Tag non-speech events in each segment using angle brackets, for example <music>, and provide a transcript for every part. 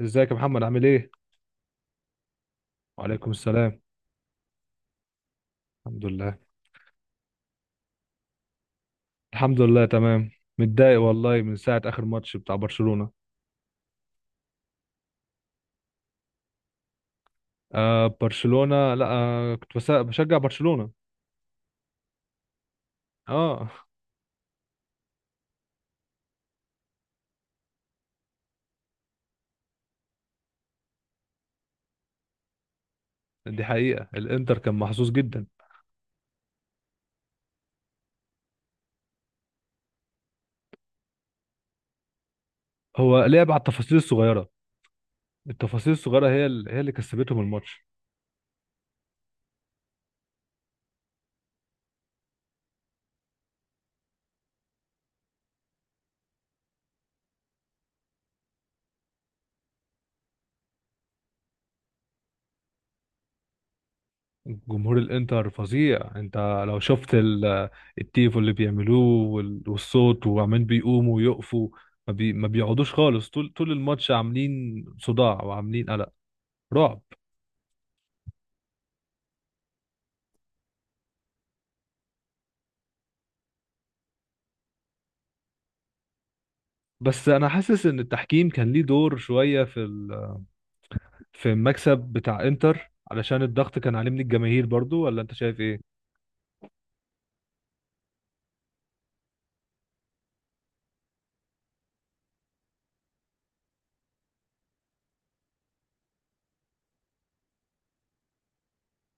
ازيك يا محمد، عامل ايه؟ وعليكم السلام. الحمد لله. الحمد لله، تمام. متضايق والله من ساعة آخر ماتش بتاع برشلونة. آه، برشلونة. لا، كنت بشجع برشلونة. اه. <laughs> دي حقيقة، الانتر كان محظوظ جدا. هو لعب على التفاصيل الصغيرة. التفاصيل الصغيرة هي هي اللي كسبتهم الماتش. جمهور الانتر فظيع. انت لو شفت التيفو اللي بيعملوه والصوت، وعمالين بيقوموا ويقفوا، ما بيقعدوش خالص طول طول الماتش، عاملين صداع وعاملين قلق، رعب. بس انا حاسس ان التحكيم كان ليه دور شوية في المكسب بتاع انتر، علشان الضغط كان عليه من الجماهير برضو، ولا انت شايف ايه؟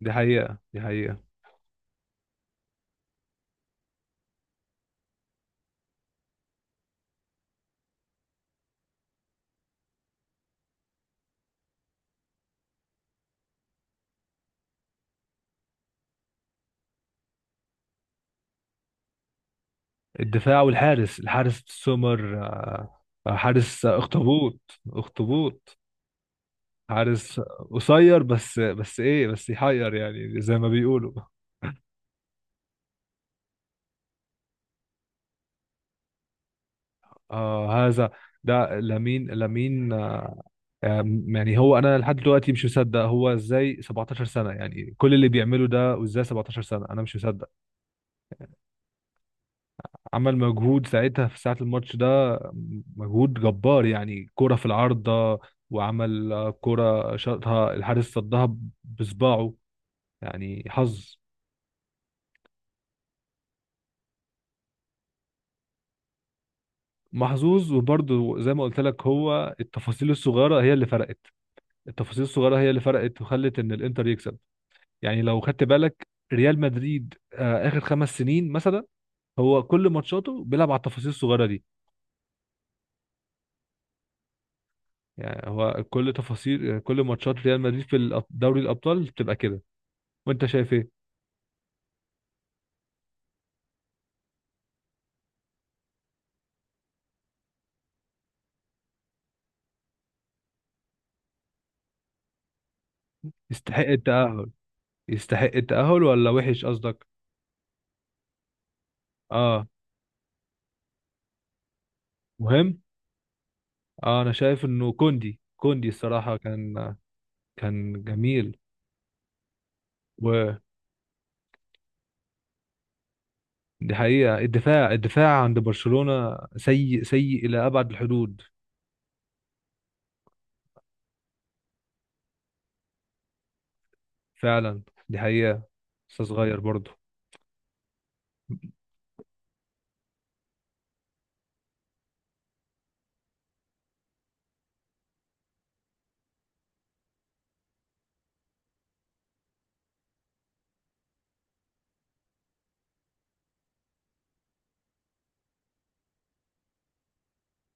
دي حقيقة، دي حقيقة. الدفاع والحارس، الحارس سومر، حارس اخطبوط اخطبوط. حارس قصير، بس ايه، بس يحير يعني زي ما بيقولوا. آه هذا. ده لامين لامين، آه، أم، يعني هو انا لحد دلوقتي مش مصدق هو ازاي 17 سنه، يعني كل اللي بيعمله ده، وازاي 17 سنه انا مش مصدق. عمل مجهود ساعتها في ساعه الماتش ده، مجهود جبار. يعني كره في العارضه، وعمل كره شاطها الحارس صدها بصباعه. يعني حظ. محظوظ، وبرضه زي ما قلت لك، هو التفاصيل الصغيره هي اللي فرقت. التفاصيل الصغيره هي اللي فرقت وخلت ان الانتر يكسب. يعني لو خدت بالك، ريال مدريد اخر خمس سنين مثلا، هو كل ماتشاته بيلعب على التفاصيل الصغيره دي. يعني هو كل تفاصيل كل ماتشات ريال مدريد في دوري الابطال بتبقى كده. وانت شايف ايه؟ يستحق التاهل. يستحق التاهل، ولا وحش قصدك؟ اه. مهم. اه، انا شايف انه كوندي، كوندي الصراحه كان جميل. ودي حقيقه، الدفاع الدفاع عند برشلونه سيء سيء الى ابعد الحدود. فعلا، دي حقيقه. لسه صغير برضه.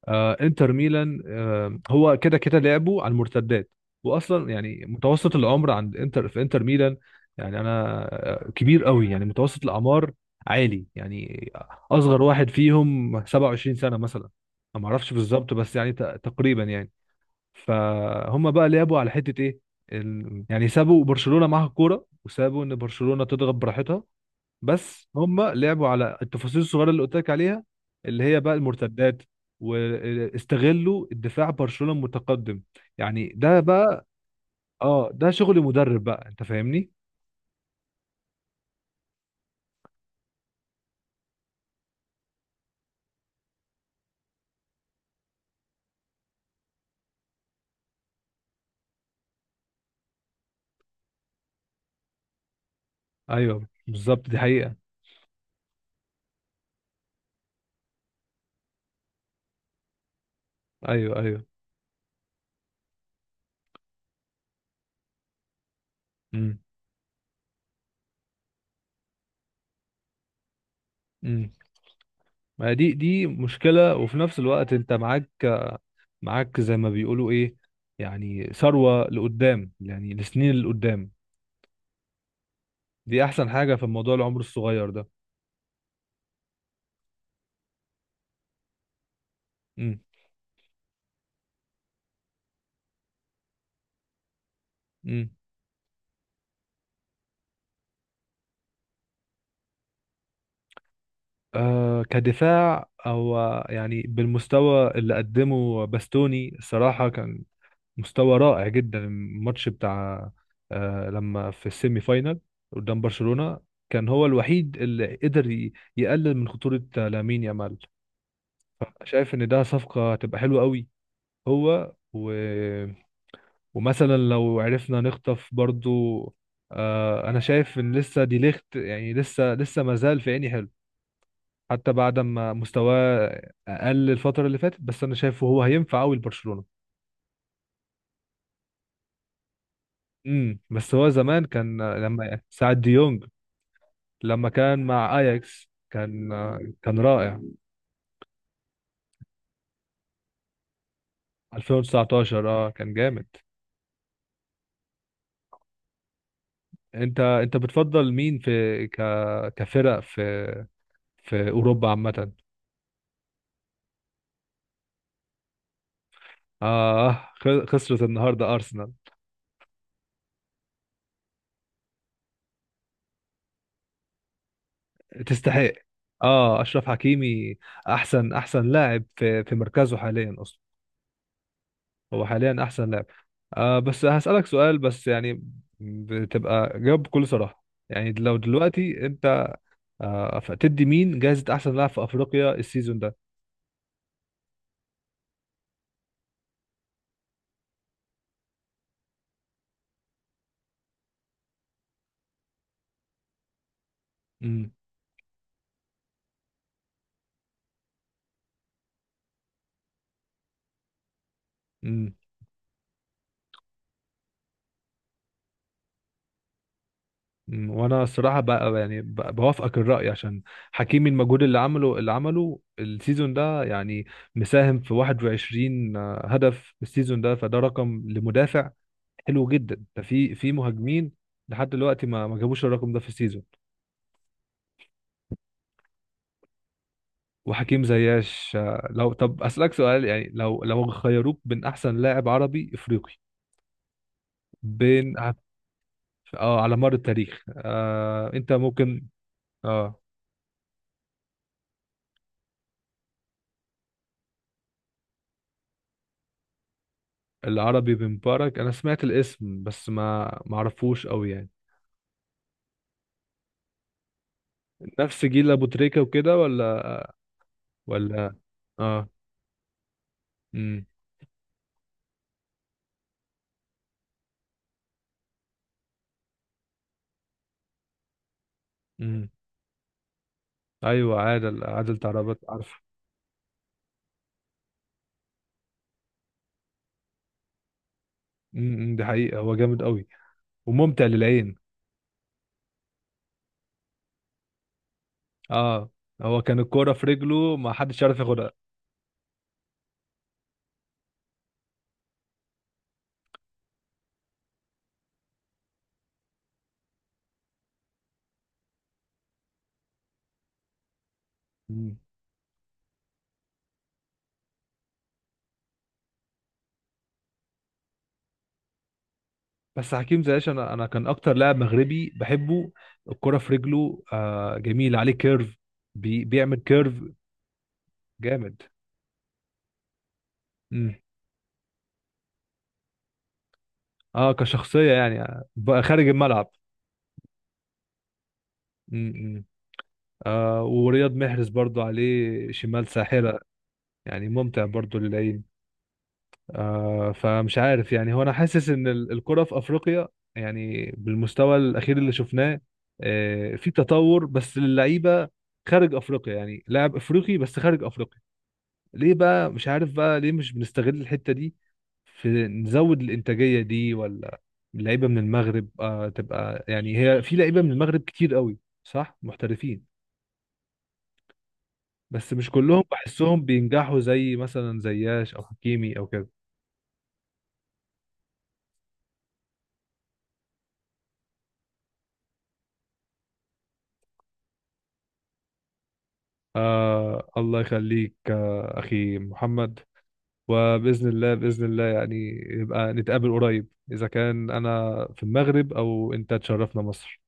انتر ميلان، هو كده كده لعبه على المرتدات. واصلا يعني متوسط العمر عند انتر، في انتر ميلان يعني، انا كبير قوي يعني، متوسط الاعمار عالي يعني. اصغر واحد فيهم 27 سنة مثلا. أنا ما اعرفش بالظبط، بس يعني تقريبا يعني. فهم بقى لعبوا على حتة ايه؟ يعني سابوا برشلونة معاها الكورة، وسابوا ان برشلونة تضغط براحتها. بس هم لعبوا على التفاصيل الصغيره اللي قلت لك عليها، اللي هي بقى المرتدات. واستغلوا الدفاع برشلونه المتقدم. يعني ده بقى. اه، ده شغل مدرب بقى. انت فاهمني؟ ايوه بالظبط، دي حقيقه. ايوه، ايوه. امم. امم. ما دي مشكله، وفي نفس الوقت انت معاك، زي ما بيقولوا ايه، يعني ثروه لقدام، يعني لسنين لقدام. دي احسن حاجه في الموضوع، العمر الصغير ده. امم. آه، كدفاع او؟ يعني بالمستوى اللي قدمه باستوني، الصراحة كان مستوى رائع جدا. الماتش بتاع، آه، لما في السيمي فاينال قدام برشلونة، كان هو الوحيد اللي قدر يقلل من خطورة لامين يامال. فشايف ان ده صفقة هتبقى حلوة قوي. هو ومثلا لو عرفنا نخطف برضو، آه، انا شايف ان لسه دي ليخت، يعني لسه ما زال في عيني حلو، حتى بعد ما مستواه اقل الفتره اللي فاتت. بس انا شايفه هو هينفع قوي لبرشلونه. امم. بس هو زمان كان لما ساعة ديونج، لما كان مع اياكس كان رائع. 2019 اه كان جامد. انت بتفضل مين في ك كفرق في اوروبا عامه؟ اه، خسرت النهارده ارسنال. تستحق. اه، اشرف حكيمي احسن لاعب في مركزه حاليا اصلا. هو حاليا احسن لاعب. آه، بس هسألك سؤال، بس يعني بتبقى جاوب بكل صراحة. يعني لو دلوقتي انت، آه، تدي مين جائزة احسن لاعب في افريقيا السيزون ده؟ امم. امم. أمم. وانا الصراحة بقى، يعني بوافقك الرأي، عشان حكيمي المجهود اللي عمله السيزون ده يعني مساهم في 21 هدف السيزون ده، فده رقم لمدافع حلو جدا. ده في مهاجمين لحد دلوقتي ما جابوش الرقم ده في السيزون. وحكيم زياش، لو طب اسالك سؤال يعني، لو خيروك بين احسن لاعب عربي افريقي بين اه، على مر التاريخ. آه، انت ممكن. اه، العربي بن مبارك، انا سمعت الاسم، بس ما اعرفوش قوي يعني. نفس جيل ابو تريكة وكده، ولا ولا اه. امم. امم. ايوه، عادل تعربت، عارفه. امم، دي حقيقة، هو جامد قوي وممتع للعين. اه، هو كان الكرة في رجله ما حدش يعرف ياخدها. بس حكيم زياش انا كان اكتر لاعب مغربي بحبه. الكرة في رجله، آه جميل، عليه كيرف، بيعمل كيرف، جامد. امم. اه كشخصية يعني، بقى خارج الملعب. امم. آه، ورياض محرز برضو عليه شمال ساحرة، يعني ممتع برضو للعين. آه، فمش عارف يعني هو، انا حاسس ان الكرة في افريقيا، يعني بالمستوى الاخير اللي شفناه، آه في تطور، بس للعيبة خارج افريقيا. يعني لاعب افريقي، بس خارج افريقيا، ليه بقى؟ مش عارف بقى ليه مش بنستغل الحتة دي في نزود الإنتاجية دي، ولا؟ لعيبة من المغرب تبقى يعني، هي في لعيبة من المغرب كتير قوي صح، محترفين. بس مش كلهم بحسهم بينجحوا زي مثلا زياش أو حكيمي أو كده. آه، الله يخليك، آه أخي محمد. وبإذن الله، بإذن الله يعني يبقى نتقابل قريب، إذا كان أنا في المغرب أو أنت تشرفنا مصر.